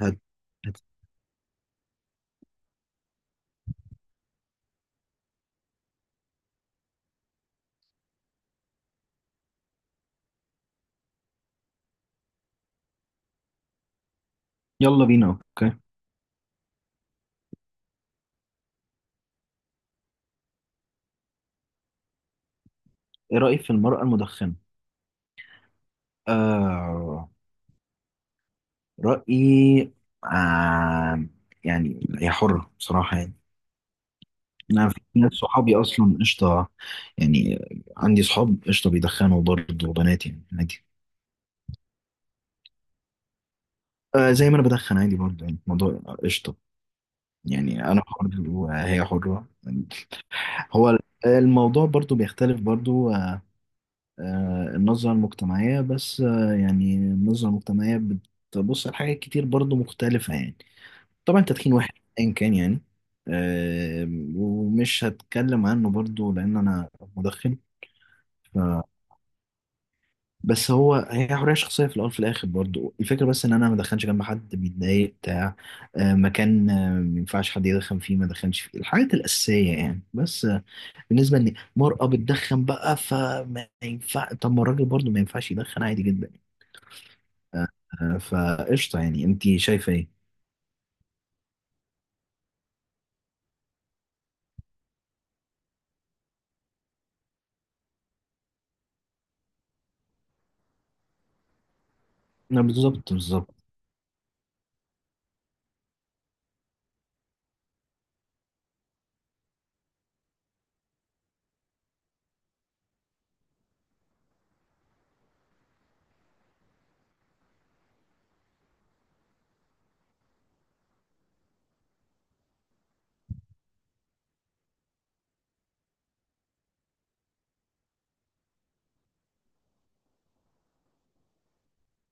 هد. هد. يلا بينا اوكي. ايه رأيك في المرأة المدخنة؟ آه رأيي، آه يعني هي حرة بصراحة يعني. انا في ناس صحابي اصلا قشطة، يعني عندي صحاب قشطة بيدخنوا برضه وبنات، يعني عادي. آه، زي ما انا بدخن عادي برضه، يعني الموضوع قشطة. يعني انا حر وهي حرة. هو الموضوع برضه بيختلف برضه النظرة المجتمعية بس، يعني النظرة المجتمعية بتبص على حاجات كتير برضو مختلفة يعني. طبعا تدخين واحد أيا كان يعني، آه، ومش هتكلم عنه برضو لأن أنا مدخن. ف... بس هو هي حرية شخصية في الأول في الآخر، برضو الفكرة بس إن أنا ما أدخنش جنب حد بيتضايق بتاع، آه، مكان، ما ينفعش حد يدخن فيه ما أدخنش فيه، الحاجات الأساسية يعني بس، بالنسبة إن مرأة بتدخن بقى فما ينفع، طب ما الراجل برضو ما ينفعش يدخن عادي جدا. فقشطة، يعني انت شايفة ايه؟ لا، بالظبط بالظبط.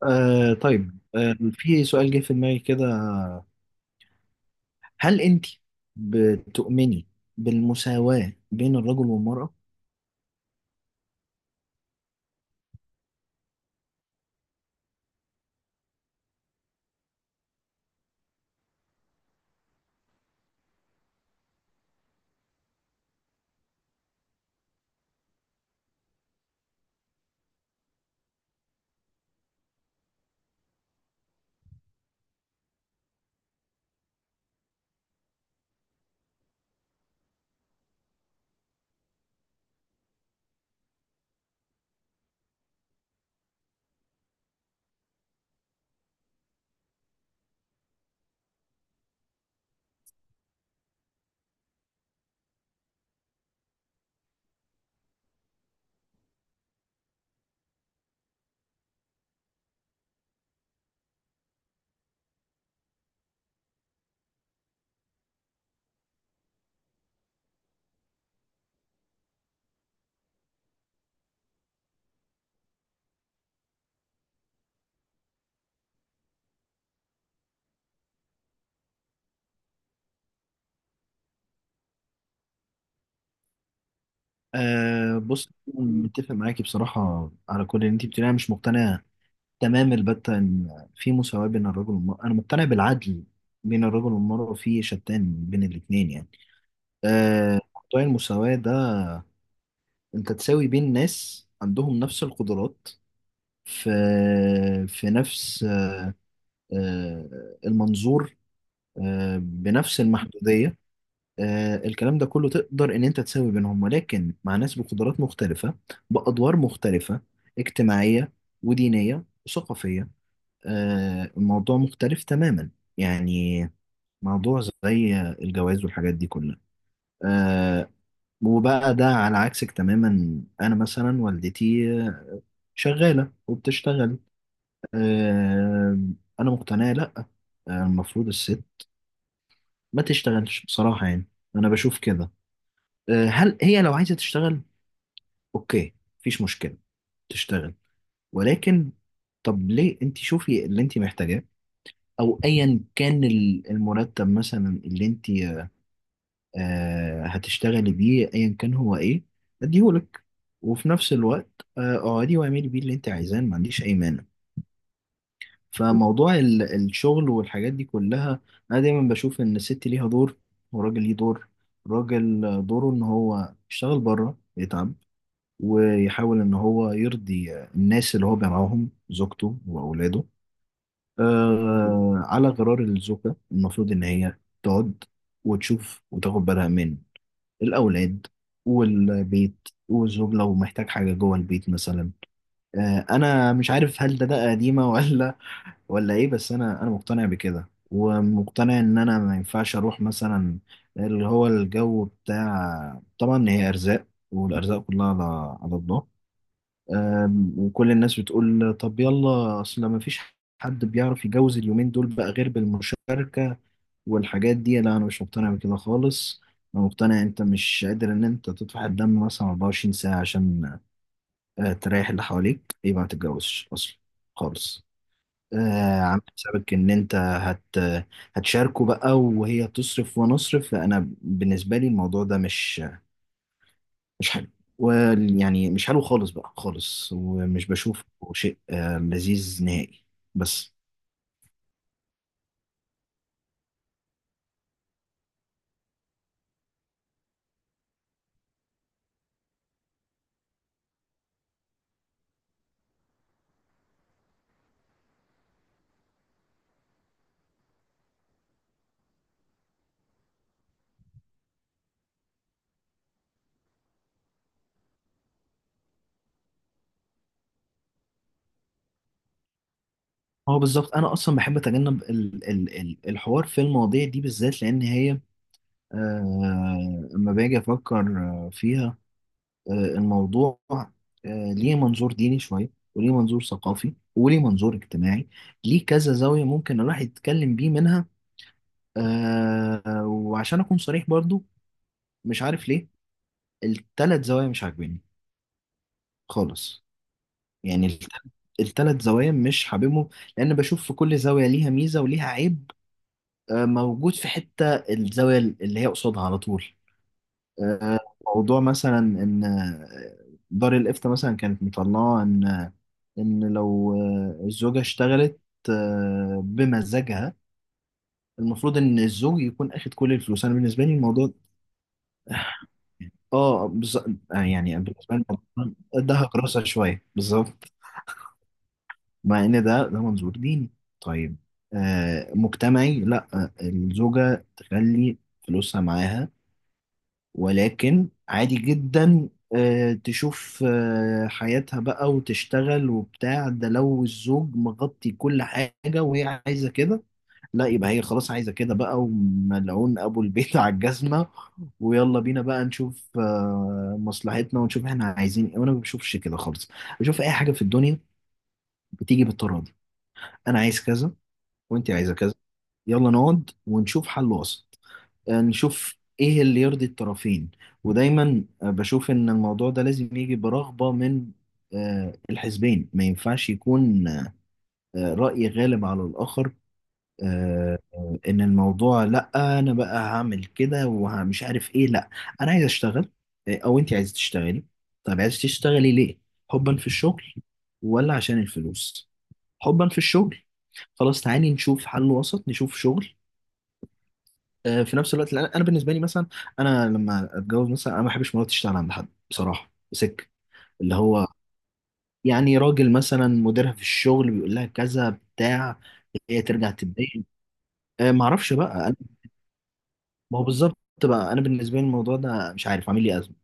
آه طيب، آه في سؤال جه في دماغي كده، هل انت بتؤمني بالمساواة بين الرجل والمرأة؟ آه بص، متفق معاكي بصراحة على كل اللي انت بتقوليه. انا مش مقتنع تمام البتة ان في مساواة بين الرجل والمرأة، انا مقتنع بالعدل بين الرجل والمرأة، في شتان بين الاتنين يعني. آه، موضوع المساواة ده، انت تساوي بين ناس عندهم نفس القدرات، في في نفس، المنظور، بنفس المحدودية، الكلام ده كله تقدر ان انت تساوي بينهم، ولكن مع ناس بقدرات مختلفة، بأدوار مختلفة اجتماعية ودينية وثقافية، الموضوع مختلف تماما. يعني موضوع زي الجواز والحاجات دي كلها، آه، وبقى ده على عكسك تماما، انا مثلا والدتي شغالة وبتشتغل. آم، انا مقتنع لا، المفروض الست ما تشتغلش بصراحة يعني، انا بشوف كده. هل هي لو عايزة تشتغل؟ اوكي، مفيش مشكلة، تشتغل. ولكن طب ليه، انت شوفي اللي انت محتاجاه، او ايا كان المرتب مثلا اللي انت هتشتغلي بيه، ايا كان هو ايه، اديهولك. وفي نفس الوقت اقعدي واعملي بيه اللي انت عايزاه، أنا ما عنديش اي مانع. فموضوع الشغل والحاجات دي كلها، انا دايما بشوف ان الست ليها دور والراجل ليه دور. الراجل دوره ان هو يشتغل بره، يتعب، ويحاول ان هو يرضي الناس اللي هو بيرعاهم، زوجته واولاده. آه، على غرار الزوجة المفروض ان هي تقعد، وتشوف، وتاخد بالها من الاولاد والبيت والزوج، لو محتاج حاجة جوه البيت مثلا. انا مش عارف هل ده قديمه، ولا ولا ايه. بس انا مقتنع بكده، ومقتنع ان انا ما ينفعش اروح مثلا اللي هو الجو بتاع. طبعا هي ارزاق، والارزاق كلها على الله. آم، وكل الناس بتقول طب يلا، اصل ما فيش حد بيعرف يجوز اليومين دول بقى غير بالمشاركه والحاجات دي. لا، انا مش مقتنع بكده خالص. انا مقتنع انت مش قادر ان انت تطفح الدم مثلا 24 ساعه عشان تريح اللي حواليك، يبقى ما تتجوزش اصلا خالص. عامل حسابك ان انت هتشاركه بقى، وهي تصرف وانا اصرف. انا بالنسبه لي الموضوع ده مش حلو، ويعني مش حلو خالص بقى خالص، ومش بشوفه شيء لذيذ نهائي. بس هو بالظبط، انا اصلا بحب اتجنب ال الحوار في المواضيع دي بالذات، لان هي اما باجي افكر فيها، الموضوع ليه منظور ديني شوية، وليه منظور ثقافي، وليه منظور اجتماعي، ليه كذا زاوية ممكن الواحد يتكلم بيه منها. وعشان أكون صريح برضو، مش عارف ليه التلات زوايا مش عاجبيني خالص. يعني التلات زوايا مش حاببهم، لأن بشوف في كل زاوية ليها ميزة وليها عيب، موجود في حتة الزاوية اللي هي قصادها على طول. آه، موضوع مثلا ان آه، دار الافتاء مثلا كانت مطلعه ان، ان لو الزوجه اشتغلت بمزاجها، المفروض ان الزوج يكون اخد كل الفلوس. انا بالنسبه لي الموضوع اه بز... يعني بالنسبه لي الموضوع ده هكرسه شويه بالظبط، مع ان ده منظور ديني. طيب آه مجتمعي لا، الزوجه تخلي فلوسها معاها، ولكن عادي جدا تشوف حياتها بقى وتشتغل وبتاع ده، لو الزوج مغطي كل حاجة وهي عايزة كده. لا، يبقى هي خلاص عايزة كده بقى، وملعون أبو البيت على الجزمة، ويلا بينا بقى نشوف مصلحتنا، ونشوف احنا عايزين ايه. وأنا ما بشوفش كده خالص، بشوف أي حاجة في الدنيا بتيجي بالتراضي. أنا عايز كذا، وأنت عايزة كذا، يلا نقعد ونشوف حل وسط، نشوف ايه اللي يرضي الطرفين. ودايما بشوف ان الموضوع ده لازم يجي برغبة من الحزبين، ما ينفعش يكون رأي غالب على الآخر. ان الموضوع، لا انا بقى هعمل كده ومش عارف ايه، لا. انا عايز اشتغل، او انت عايز تشتغلي؟ طب عايز تشتغلي ليه؟ حبا في الشغل ولا عشان الفلوس؟ حبا في الشغل؟ خلاص تعالي نشوف حل وسط، نشوف شغل في نفس الوقت. لأن انا بالنسبه لي مثلا، لما اتجوز مثلا انا ما بحبش مراتي تشتغل عند حد بصراحه سك. اللي هو يعني راجل مثلا مديرها في الشغل بيقول لها كذا بتاع، هي ترجع تتضايق، ما اعرفش بقى ما هو بالظبط بقى. انا بالنسبه لي الموضوع ده مش عارف، عامل لي ازمه.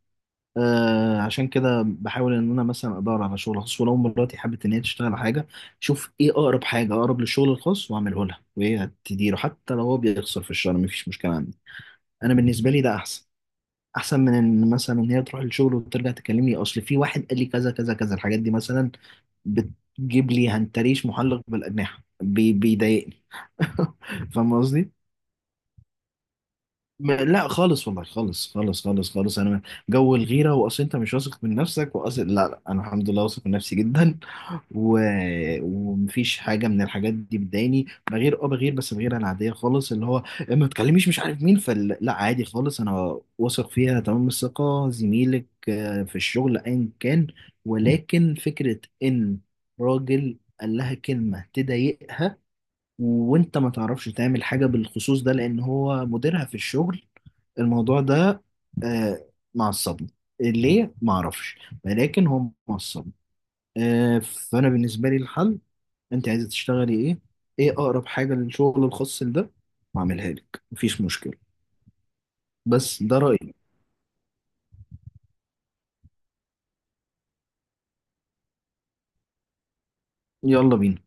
آه، عشان كده بحاول ان انا مثلا ادور على شغل خاص، ولو مراتي حابه ان هي تشتغل على حاجه، شوف ايه اقرب حاجه اقرب للشغل الخاص واعمله لها، وهي تديره. حتى لو هو بيخسر في الشهر مفيش مشكله عندي، انا بالنسبه لي ده احسن. احسن من ان مثلا هي تروح الشغل وترجع تكلمني، اصل في واحد قال لي كذا كذا كذا، الحاجات دي مثلا بتجيب لي هنتريش محلق بالاجنحه، بيضايقني. فاهم قصدي؟ لا خالص والله، خالص انا جو الغيره واصل انت مش واثق من نفسك، واصل لا لا، انا الحمد لله واثق من نفسي جدا، و... ومفيش حاجه من الحاجات دي بتضايقني. بغير بس بغير العاديه خالص، اللي هو ما تكلميش مش عارف مين، فلا لا عادي خالص، انا واثق فيها تمام الثقه. زميلك في الشغل ايا كان، ولكن فكره ان راجل قال لها كلمه تضايقها وانت ما تعرفش تعمل حاجه بالخصوص ده لان هو مديرها في الشغل، الموضوع ده آه، معصبني، ليه ما اعرفش، ولكن هم معصبني. فانا بالنسبه لي الحل، انت عايزه تشتغلي ايه؟ ايه اقرب حاجه للشغل الخاص ده، واعملها لك، مفيش مشكله. بس ده رايي. يلا بينا.